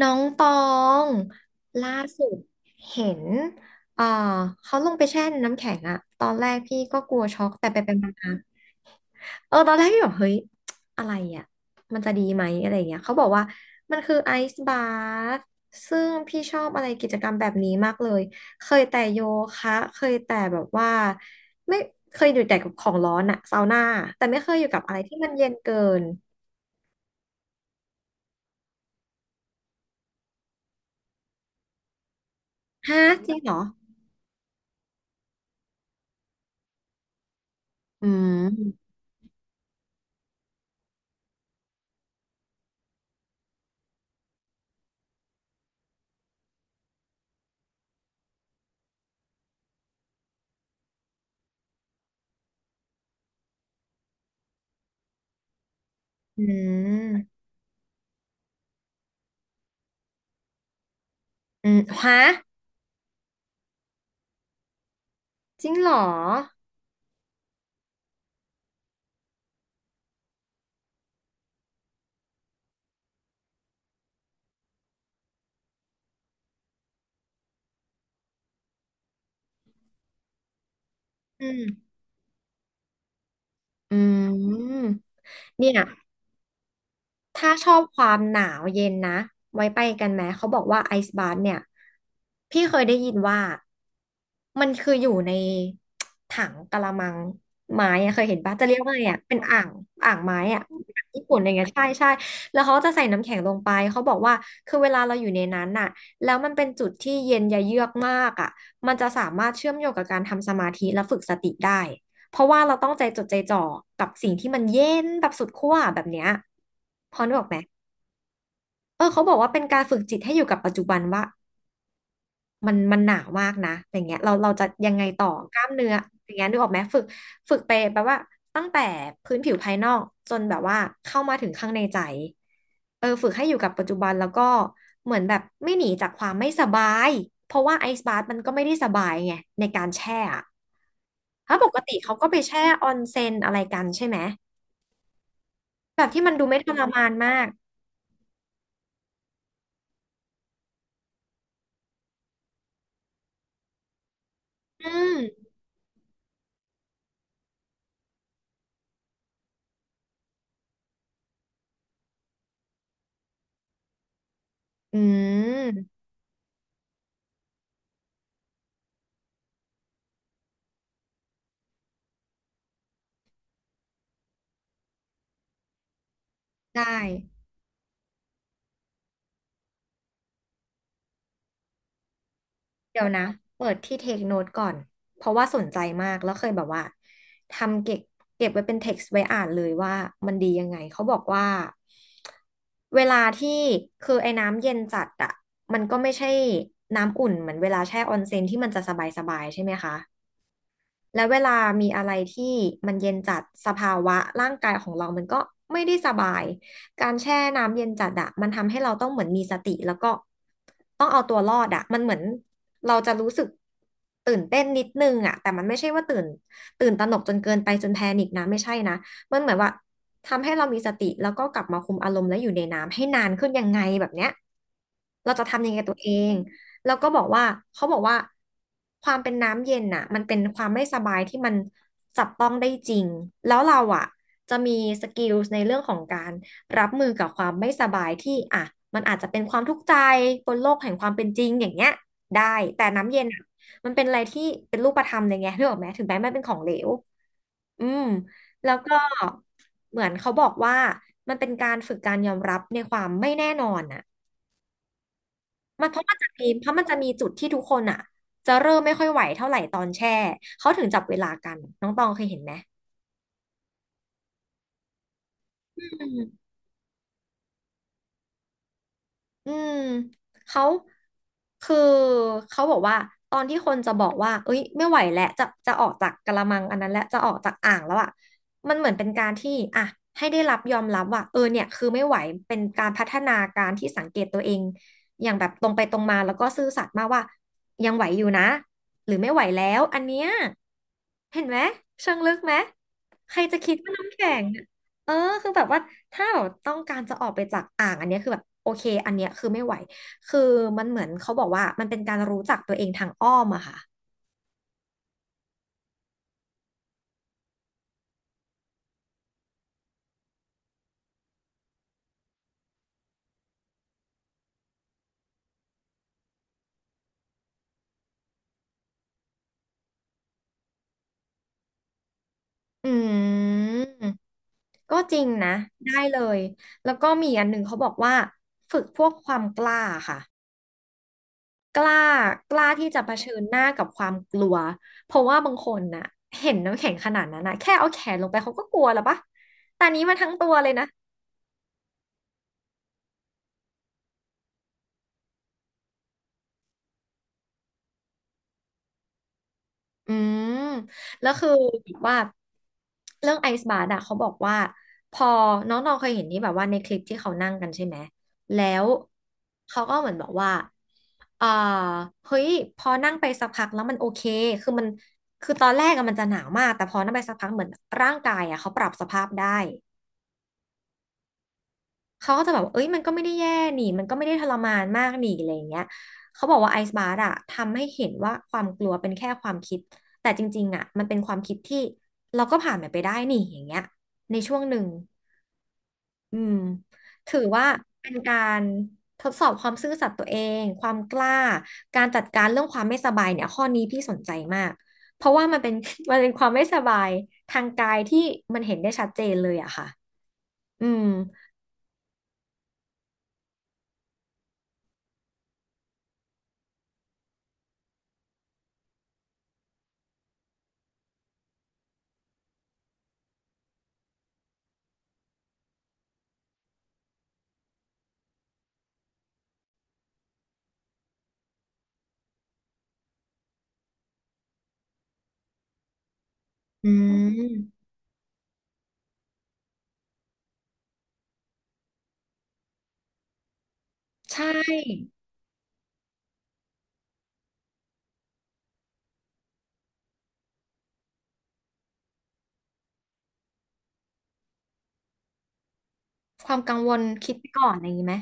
น้องตองล่าสุดเห็นเอ่อเขาลงไปแช่น้ำแข็งอะ ตอนแรกพี่ก็กลัวช็อกแต่ไปไปมาๆเออตอนแรกพี่บอกเฮ้ยอะไรอะมันจะดีไหมอะไรอย่างเงี้ยเขาบอกว่ามันคือไอซ์บาร์ซึ่งพี่ชอบอะไรกิจกรรมแบบนี้มากเลย เคยแต่โยคะ เคยแต่แบบว่าไม่เคยอยู่แต่กับของร้อนอะซาวน่าแต่ไม่เคยอยู่กับอะไรที่มันเย็นเกินฮะจริงเหรออืมอืมอืมฮะ จริงเหรอ อืมอืมเนี่ยถ้าชอบความหนาวเย็นนะ ไว้ไปกันไหม เขาบอกว่าไอซ์บา t เนี่ย พี่เคยได้ยินว่า มันคืออยู่ในถังกะละมังไม้อะเคยเห็นปะจะเรียกว่าอะไงอะเป็นอ่างอ่างไม้อะอ่างญี่ปุ่นอะไรเงี้ยใช่ใช่แล้วเขาจะใส่น้ำแข็งลงไป เขาบอกว่าคือเวลาเราอยู่ในนั้นน่ะแล้วมันเป็นจุดที่เย็นยะเยือกมากอะมันจะสามารถเชื่อมโยงกับการทำสมาธิและฝึกสติได้ เพราะว่าเราต้องใจจดใจจ่อกับสิ่งที่มันเย็นแบบสุดขั้วแบบเนี้ยพอนึกออกไหมเออเขาบอกว่าเป็นการฝึกจิตให้อยู่กับปัจจุบันว่า มันหนามากนะอย่างเงี้ยเราจะยังไงต่อกล้ามเนื้ออย่างเงี้ยนึกออกไหมฝึกไปแปลว่าตั้งแต่พื้นผิวภายนอกจนแบบว่าเข้ามาถึงข้างในใจเออฝึกให้อยู่กับปัจจุบันแล้วก็เหมือนแบบไม่หนีจากความไม่สบายเพราะว่าไอซ์บาร์มันก็ไม่ได้สบายไงในการแช่อะถ้าปกติเขาก็ไปแช่ออนเซ็นอะไรกันใช่ไหมแบบที่มันดูไม่ทรมานมากอืมอืมได้ เดี๋ยวนะเปิดที่เทคโน t e ก่อนเพราะว่าสนใจมากแล้วเคยแบบว่าทำเก็บไว้เป็นเท็กซ์ไว้อ่านเลยว่ามันดียังไงเขาบอกว่าเวลาที่คือไอ้น้ำเย็นจัดอะมันก็ไม่ใช่น้ำอุ่นเหมือนเวลาแช่ออนเซ็นที่มันจะสบายๆใช่ไหมคะ แล้วเวลามีอะไรที่มันเย็นจัดสภาวะร่างกายของเรามันก็ไม่ได้สบาย การแช่น้ำเย็นจัดอะมันทำให้เราต้องเหมือนมีสติแล้วก็ต้องเอาตัวรอดอะมันเหมือนเราจะรู้สึกตื่นเต้นนิดนึงอะแต่มันไม่ใช่ว่าตื่นตระหนกจนเกินไปจนแพนิคนะไม่ใช่นะมันเหมือนว่าทำให้เรามีสติแล้วก็กลับมาคุมอารมณ์และอยู่ในน้ำให้นานขึ้นยังไงแบบเนี้ยเราจะทำยังไงกับตัวเอง แล้วก็บอกว่าเขาบอกว่าความเป็นน้ำเย็นน่ะมันเป็นความไม่สบายที่มันจับต้องได้จริงแล้วเราอ่ะจะมีสกิลในเรื่องของการรับมือกับความไม่สบายที่อ่ะมันอาจจะเป็นความทุกข์ใจบนโลกแห่งความเป็นจริงอย่างเงี้ยได้แต่น้ำเย็นอ่ะมันเป็นอะไรที่เป็นรูปธรรมเลยไงนึกออกไหมถึงแม้มันเป็นของเหลวอืมแล้วก็เหมือนเขาบอกว่ามันเป็นการฝึกการยอมรับในความไม่แน่นอนอะ มันเพราะมันจะมีเพราะมันจะมีจุดที่ทุกคนอ่ะจะเริ่มไม่ค่อยไหวเท่าไหร่ตอนแช่เขาถึงจับเวลากันน้องตองเคยเห็นไหมอืม อืมเขาคือเขาบอกว่าตอนที่คนจะบอกว่าเอ้ยไม่ไหวแล้วจะออกจากกะละมังอันนั้นแล้วจะออกจากอ่างแล้วอ่ะมันเหมือนเป็นการที่อ่ะให้ได้รับยอมรับว่าเออเนี่ยคือไม่ไหวเป็นการพัฒนาการที่สังเกตตัวเองอย่างแบบตรงไปตรงมาแล้วก็ซื่อสัตย์มากว่ายังไหวอยู่นะหรือไม่ไหวแล้วอันเนี้ยเห็นไหมเชิงลึกไหมใครจะคิดว่าน้ำแข็ง เออคือแบบว่าถ้าแบบต้องการจะออกไปจากอ่างอันเนี้ยคือแบบโอเคอันเนี้ยคือไม่ไหวคือมันเหมือนเขาบอกว่ามันเป็นการรู้จักตัวเองทางอ้อมอะค่ะอืมก็จริงนะได้เลยแล้วก็มีอันหนึ่งเขาบอกว่าฝึกพวกความกล้าค่ะกล้าที่จะเผชิญหน้ากับความกลัวเพราะว่าบางคนน่ะเห็นน้ำแข็งขนาดนั้นนะแค่เอาแขนลงไปเขาก็กลัวแล้วปะแต่อันนี้มาทั้งตัวเลยนะ อืมแล้วคือแบบว่าเรื่องไอซ์บาร์อะเขาบอกว่าพอน้องๆเคยเห็นที่แบบว่าในคลิปที่เขานั่งกันใช่ไหมแล้วเขาก็เหมือนบอกว่าเอ่อเฮ้ยพอนั่งไปสักพักแล้วมันโอเคคือมันคือตอนแรกอะมันจะหนาวมากแต่พอนั่งไปสักพักเหมือนร่างกายอะเขาปรับสภาพได้ เขาก็จะแบบว่าเอ้ยมันก็ไม่ได้แย่นี่มันก็ไม่ได้ทรมานมากนี่อะไรอย่างเงี้ยเขาบอกว่าไอซ์บาร์อะทำให้เห็นว่าความกลัวเป็นแค่ความคิดแต่จริงๆอะมันเป็นความคิดที่เราก็ผ่านมันไปได้นี่อย่างเงี้ยในช่วงหนึ่งอืมถือว่าเป็นการทดสอบความซื่อสัตย์ตัวเองความกล้าการจัดการเรื่องความไม่สบายเนี่ยข้อนี้พี่สนใจมากเพราะว่ามันเป็น มันเป็นความไม่สบายทางกายที่มันเห็นได้ชัดเจนเลยอะค่ะอืมอืมใช่ ความกังวลคิดไปก่อนอะไรอย่างนี้ไหม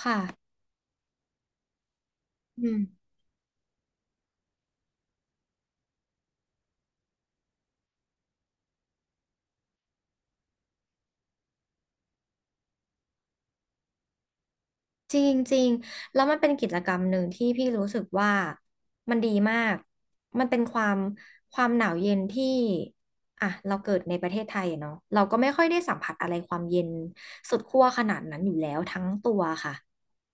ค่ะอืม จริงจริงแล้วมันเป็นกิจกรรมหนึ่งที่พี่รู้สึกว่ามันดีมากมันเป็นความความหนาวเย็นที่อ่ะเราเกิดในประเทศไทยอะเนาะเราก็ไม่ค่อยได้สัมผัสอะไรความเย็นสุดขั้วขนาดนั้นอยู่แล้วทั้งตัวค่ะ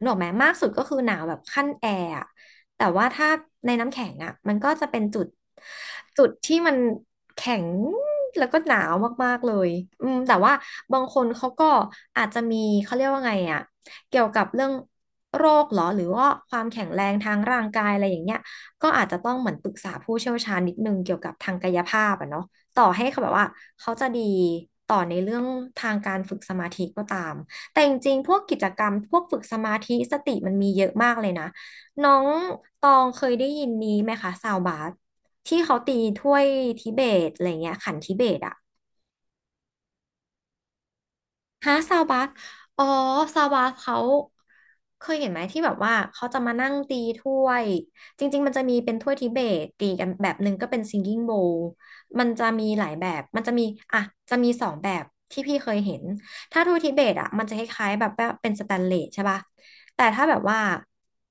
หนกออกไหมมากสุดก็คือหนาวแบบขั้นแอร์อะแต่ว่าถ้าในน้ำแข็งอะมันก็จะเป็นจุดที่มันแข็งแล้วก็หนาวมากๆเลยอืมแต่ว่าบางคนเขาก็อาจจะมีเขาเรียกว่าไงอะ เกี่ยวกับเรื่องโรคเหรอหรือว่าความแข็งแรงทางร่างกายอะไรอย่างเงี้ยก็อาจจะต้องเหมือนปรึกษาผู้เชี่ยวชาญนิดนึงเกี่ยวกับทางกายภาพอะเนาะต่อให้เขาแบบว่าเขาจะดีต่อในเรื่องทางการฝึกสมาธิก็ตาม แต่จริงๆพวกกิจกรรมพวกฝึกสมาธิสติมันมีเยอะมากเลยนะน้องตองเคยได้ยินนี้ไหมคะซาวบาสที่เขาตีถ้วยทิเบตอะไรเงี้ยขันทิเบตอะ ฮะซาวบาสอ๋อซาวบาสเขาเคยเห็นไหมที่แบบว่าเขาจะมานั่งตีถ้วยจริงๆมันจะมีเป็นถ้วยทิเบตตีกันแบบหนึ่งก็เป็นซิงกิ้งโบว์มันจะมีหลายแบบมันจะมีอ่ะจะมีสองแบบที่พี่เคยเห็นถ้าถ้วยทิเบตอ่ะมันจะคล้ายๆแบบว่าเป็นสแตนเลสใช่ป่ะแต่ถ้าแบบว่า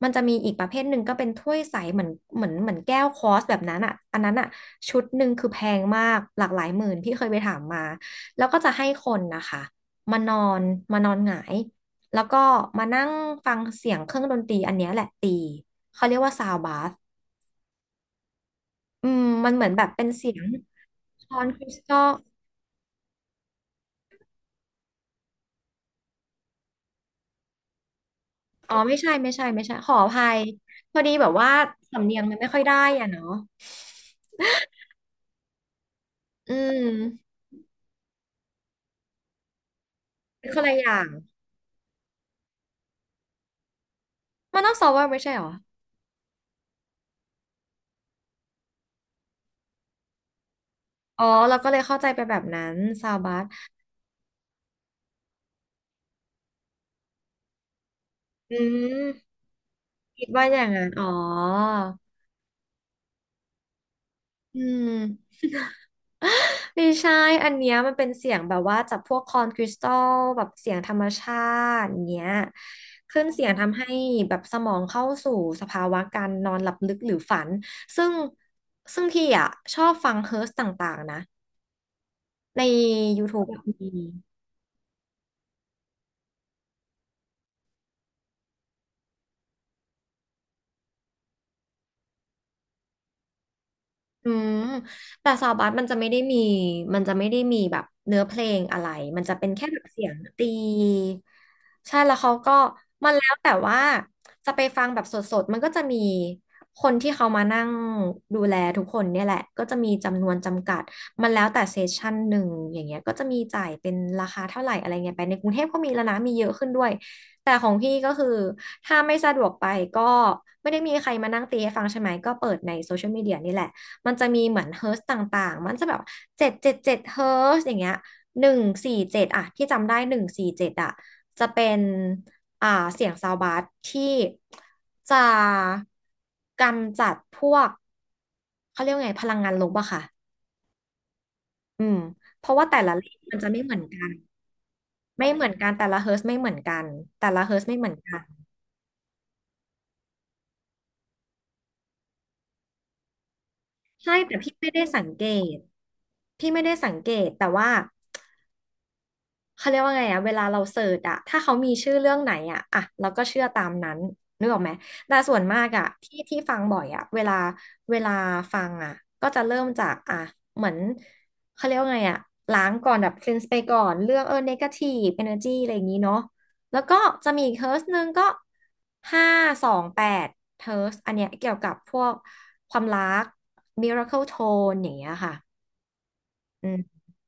มันจะมีอีกประเภทหนึ่งก็เป็นถ้วยใสเหมือนแก้วคอสแบบนั้นอ่ะอันนั้นอ่ะชุดหนึ่งคือแพงมากหลากหลายหมื่นพี่เคยไปถามมาแล้วก็จะให้คนนะคะ มานอนมานอนหงายแล้วก็มานั่งฟังเสียงเครื่องดนตรีอันเนี้ยแหละตีเขาเรียกว่าซาวบาสอืมมันเหมือนแบบเป็นเสียงช้อนคริสตัลอ๋อไม่ใช่ไม่ใช่ไม่ใช่ขออภัยพอดีแบบว่าสำเนียงมันไม่ค่อยได้อ่ะเนาะอืมเป็นคนละอย่างมันต้องซาวไม่ใช่เหรออ๋อเราก็เลยเข้าใจไปแบบนั้นซาวบาสอืมคิดว่าอย่างนั้นอ๋ออืม ไม่ใช่อันเนี้ยมันเป็นเสียงแบบว่าจากพวกคอนคริสตัลแบบเสียงธรรมชาติอย่างเงี้ย ขึ้นเสียงทำให้แบบสมองเข้าสู่สภาวะการนอนหลับลึกหรือฝัน ซึ่งซึ่งพี่อ่ะชอบฟังเฮิร์สต่างๆนะใน YouTube บะมี อืมแต่ซาวบัสมันจะไม่ได้มี มันจะไม่ได้มีแบบเนื้อเพลงอะไร มันจะเป็นแค่แบบเสียงตี ใช่แล้วเขาก็ มันแล้วแต่ว่าจะไปฟังแบบสดๆ มันก็จะมีคนที่เขามานั่งดูแลทุกคนเนี่ยแหละ ก็จะมีจำนวนจำกัดมันแล้วแต่เซสชั่นหนึ่งอย่างเงี้ยก็จะมีจ่ายเป็นราคาเท่าไหร่อะไรเงี้ยไปในกรุงเทพก็มีแล้วนะมีเยอะขึ้นด้วยแต่ของพี่ก็คือถ้าไม่สะดวกไปก็ไม่ได้มีใครมานั่งตีให้ฟังใช่ไหมก็เปิดในโซเชียลมีเดียนี่แหละ มันจะมีเหมือนเฮิร์ตซ์ต่างๆมันจะแบบ777เฮิร์ตซ์อย่างเงี้ยหนึ่งสี่เจ็ดอะที่จำได้หนึ่งสี่เจ็ดอะจะเป็นอ่าเสียงซาวบาสที่จะกำจัดพวกเขาเรียกว่าไงพลังงานลบอะค่ะอืมเพราะว่าแต่ละเลขมันจะไม่เหมือนกันไม่เหมือนกันแต่ละเฮิร์ตซ์ไม่เหมือนกันแต่ละเฮิร์ตซ์ไม่เหมือนกันใช่แต่ตพี่ไม่ได้สังเกตแต่ว่า เขาเรียกว่าไงอะเวลาเราเสิร์ชอะถ้าเขามีชื่อเรื่องไหนอะอะเราก็เชื่อตามนั้นนึกออกไหมแต่ส่วนมากอะที่ที่ฟังบ่อยอะเวลาฟังอะก็จะเริ่มจากอะเหมือนเขาเรียกว่าไงอะล้างก่อนแบบ cleanse ไปก่อนเรื่องnegative energy อะไรอย่างนี้เนาะแล้วก็จะมีอีกเฮิร์สหนึ่งก็528เฮิร์สอันเนี้ยเกี่ยวกับพวกความรัก miracle tone อย่างเงี้ยค่ะ อืม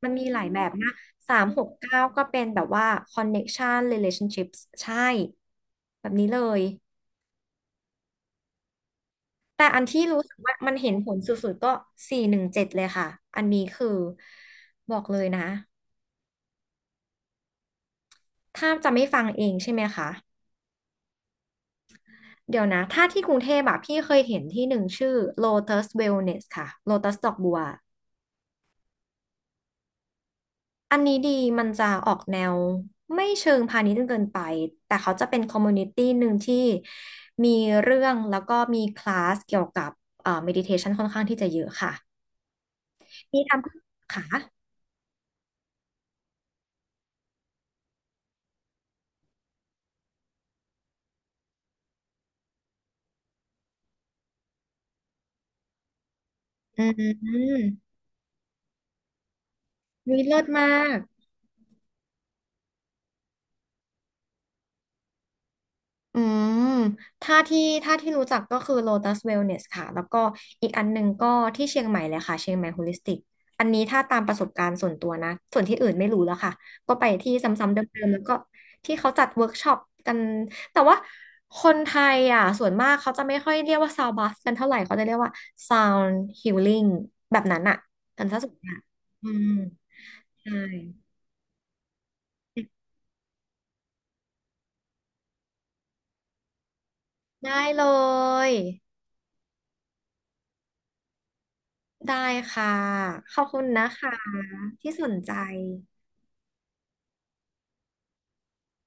มันมีหลายแบบนะ369ก็เป็นแบบว่า connection relationships ใช่แบบนี้เลย แต่อันที่รู้สึกว่ามันเห็นผลสุดๆก็417เลยค่ะ อันนี้คือบอกเลยนะถ้าจะไม่ฟังเองใช่ไหมคะ เดี๋ยวนะถ้าที่กรุงเทพอะพี่เคยเห็นที่หนึ่งชื่อ Lotus Wellness ค่ะ Lotus ดอกบัว อันนี้ดีมันจะออกแนวไม่เชิงพาณิชย์จนเกินไปแต่เขาจะเป็นคอมมูนิตี้หนึ่งที่มีเรื่องแล้วก็มีคลาสเกี่ยวกับเมดิเทชันค่อนข้างที่จะเยอะค่ะมีทำค่ะอืมวิเลิศมาก อืมถ้าที่ถ้าที่รู้จักก็คือ Lotus Wellness ค่ะ แล้วก็อีกอันหนึ่งก็ที่เชียงใหม่เลยค่ะเชียงใหม่ Holistic อันนี้ถ้าตามประสบการณ์ส่วนตัวนะ ส่วนที่อื่นไม่รู้แล้วค่ะ ก็ไปที่ซ้ำๆเดิมๆแล้วก็ที่เขาจัดเวิร์กช็อปกัน แต่ว่าคนไทยอ่ะส่วนมากเขาจะไม่ค่อยเรียกว่าซาวบัสกันเท่าไหร่เขาจะเรียกว่า Sound Healing แบบนั้นอ่ะกันซะส่วนใหญ่อืมใช่ได้เลย ได้ค่ะ ขอบคุณนะคะที่สนใจ